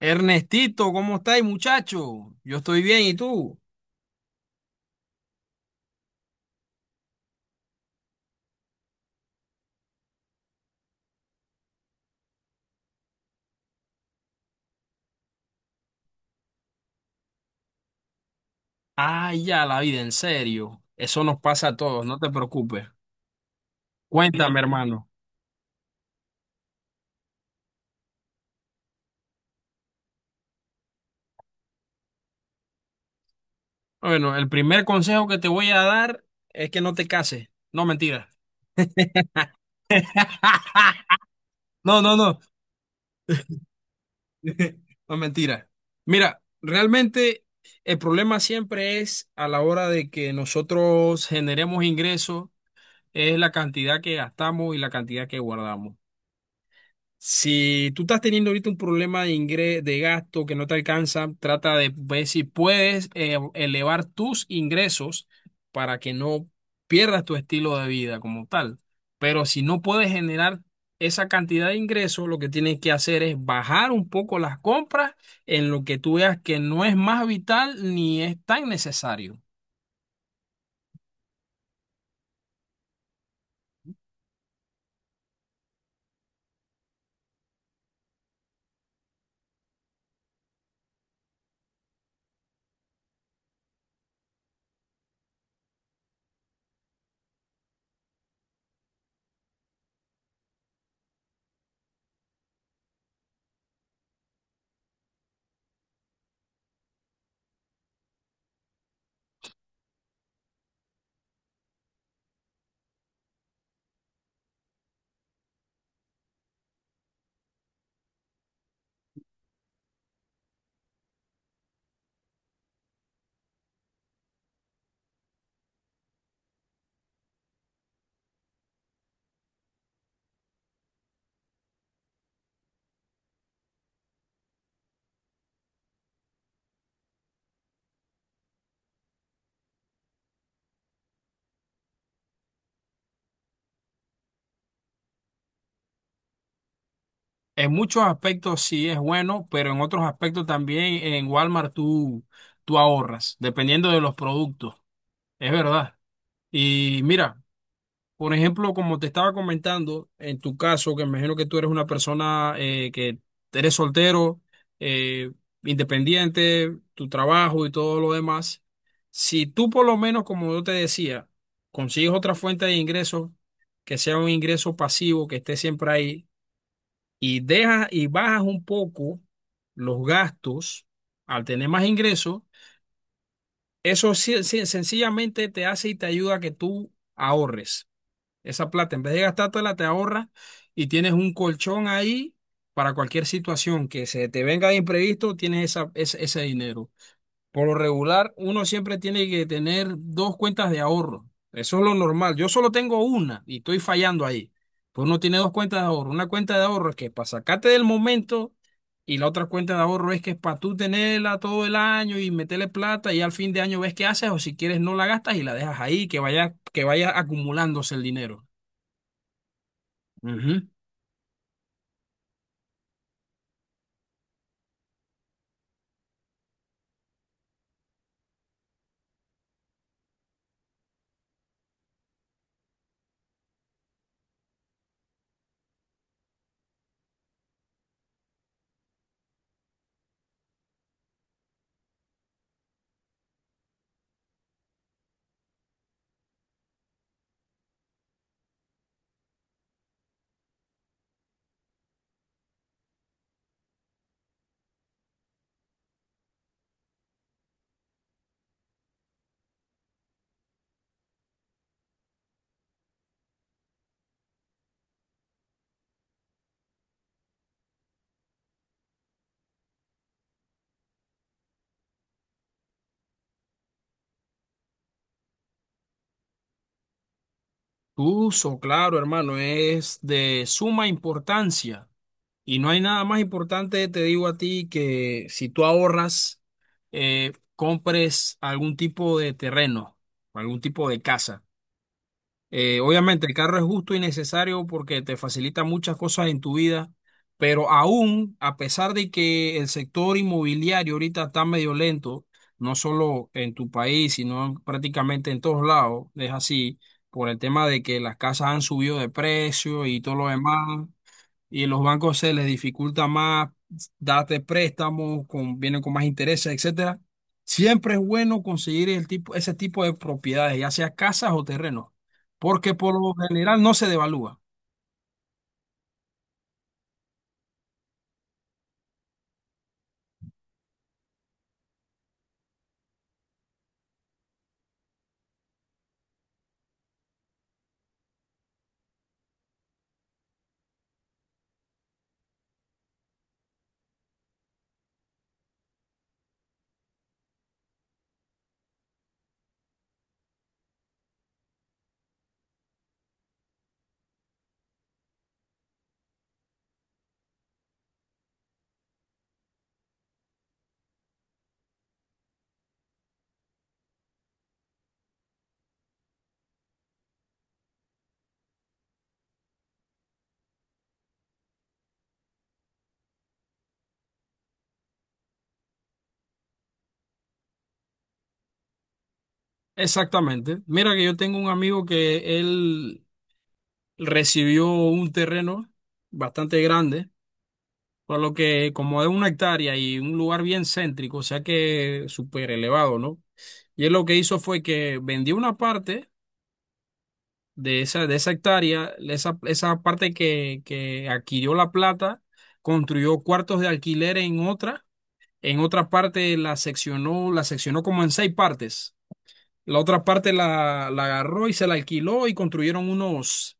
Ernestito, ¿cómo estáis, muchacho? Yo estoy bien, ¿y tú? Ay, ya la vida, en serio. Eso nos pasa a todos, no te preocupes. Cuéntame, hermano. Bueno, el primer consejo que te voy a dar es que no te cases. No, mentira. No, no, no. No, mentira. Mira, realmente el problema siempre es a la hora de que nosotros generemos ingresos, es la cantidad que gastamos y la cantidad que guardamos. Si tú estás teniendo ahorita un problema de gasto que no te alcanza, trata de ver si puedes elevar tus ingresos para que no pierdas tu estilo de vida como tal. Pero si no puedes generar esa cantidad de ingresos, lo que tienes que hacer es bajar un poco las compras en lo que tú veas que no es más vital ni es tan necesario. En muchos aspectos sí es bueno, pero en otros aspectos también en Walmart tú ahorras, dependiendo de los productos. Es verdad. Y mira, por ejemplo, como te estaba comentando, en tu caso, que me imagino que tú eres una persona que eres soltero, eh, independiente, tu trabajo y todo lo demás, si tú por lo menos, como yo te decía, consigues otra fuente de ingresos, que sea un ingreso pasivo, que esté siempre ahí, y dejas y bajas un poco los gastos al tener más ingresos, eso sencillamente te hace y te ayuda a que tú ahorres. Esa plata, en vez de gastártela, te ahorras y tienes un colchón ahí para cualquier situación que se te venga de imprevisto, tienes ese dinero. Por lo regular, uno siempre tiene que tener dos cuentas de ahorro. Eso es lo normal. Yo solo tengo una y estoy fallando ahí. Pues uno tiene dos cuentas de ahorro. Una cuenta de ahorro es que es para sacarte del momento y la otra cuenta de ahorro es que es para tú tenerla todo el año y meterle plata y al fin de año ves qué haces o si quieres no la gastas y la dejas ahí, que vaya acumulándose el dinero. Ujú. Uso, claro, hermano, es de suma importancia. Y no hay nada más importante, te digo a ti, que si tú ahorras, compres algún tipo de terreno, algún tipo de casa. Obviamente el carro es justo y necesario porque te facilita muchas cosas en tu vida, pero aún a pesar de que el sector inmobiliario ahorita está medio lento, no solo en tu país, sino prácticamente en todos lados, es así, por el tema de que las casas han subido de precio y todo lo demás y en los bancos se les dificulta más darte préstamos, con, vienen con más intereses, etcétera. Siempre es bueno conseguir el tipo, ese tipo de propiedades, ya sea casas o terrenos, porque por lo general no se devalúa. Exactamente. Mira que yo tengo un amigo que él recibió un terreno bastante grande, por lo que como de una hectárea y un lugar bien céntrico, o sea que súper elevado, ¿no? Y él lo que hizo fue que vendió una parte de esa hectárea, esa parte que adquirió la plata, construyó cuartos de alquiler en otra parte la seccionó como en seis partes. La otra parte la agarró y se la alquiló y construyeron unos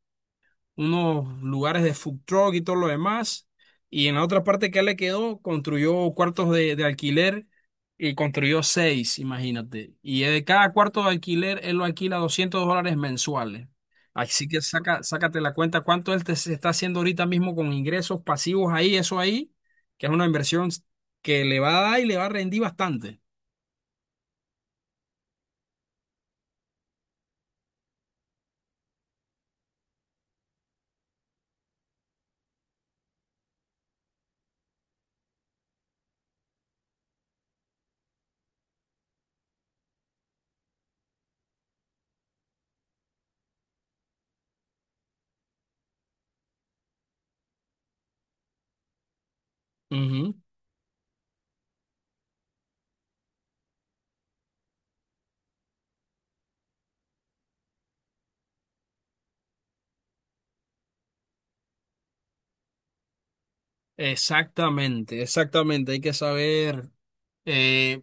unos lugares de food truck y todo lo demás. Y en la otra parte que le quedó, construyó cuartos de alquiler y construyó seis, imagínate. Y de cada cuarto de alquiler, él lo alquila $200 mensuales. Así que saca, sácate la cuenta cuánto él te se está haciendo ahorita mismo con ingresos pasivos ahí, eso ahí, que es una inversión que le va a dar y le va a rendir bastante. Ujú. Exactamente, exactamente. Hay que saber. eh,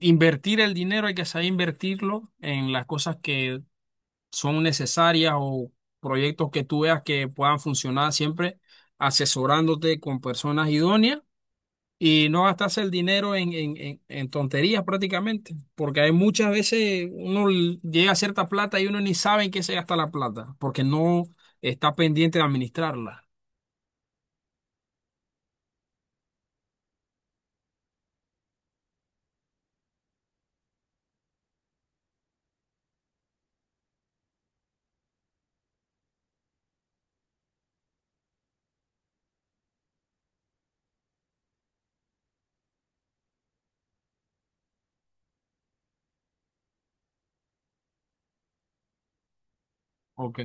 Invertir el dinero hay que saber invertirlo en las cosas que son necesarias o proyectos que tú veas que puedan funcionar siempre asesorándote con personas idóneas y no gastarse el dinero en tonterías prácticamente, porque hay muchas veces uno llega a cierta plata y uno ni sabe en qué se gasta la plata, porque no está pendiente de administrarla. Ok,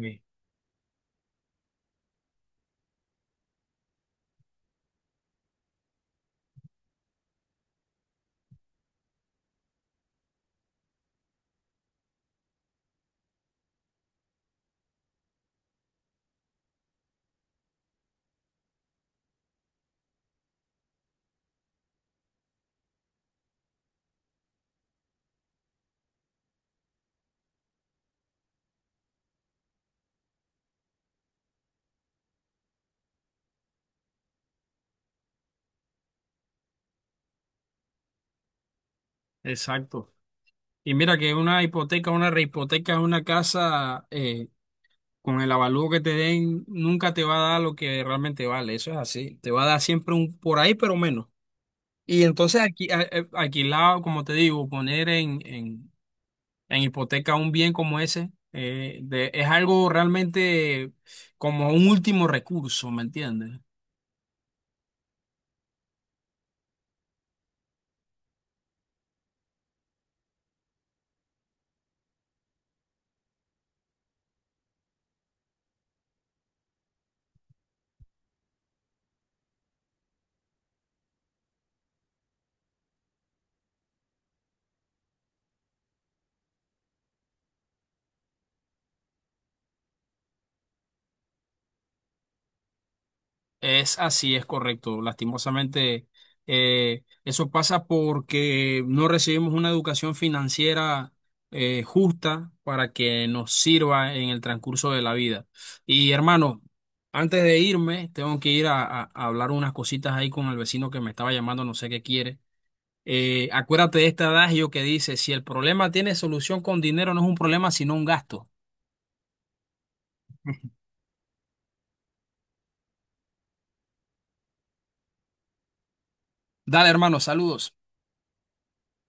exacto. Y mira que una hipoteca, una rehipoteca, una casa, Con el avalúo que te den, nunca te va a dar lo que realmente vale, eso es así. Te va a dar siempre un por ahí, pero menos. Y entonces aquí, alquilado, como te digo, poner en, hipoteca un bien como ese, de- es algo realmente como un último recurso, ¿me entiendes? Es así, es correcto. Lastimosamente, eso pasa porque no recibimos una educación financiera justa para que nos sirva en el transcurso de la vida. Y hermano, antes de irme, tengo que ir a hablar unas cositas ahí con el vecino que me estaba llamando, no sé qué quiere. Acuérdate de este adagio que dice, si el problema tiene solución con dinero, no es un problema, sino un gasto. Dale, hermano, saludos.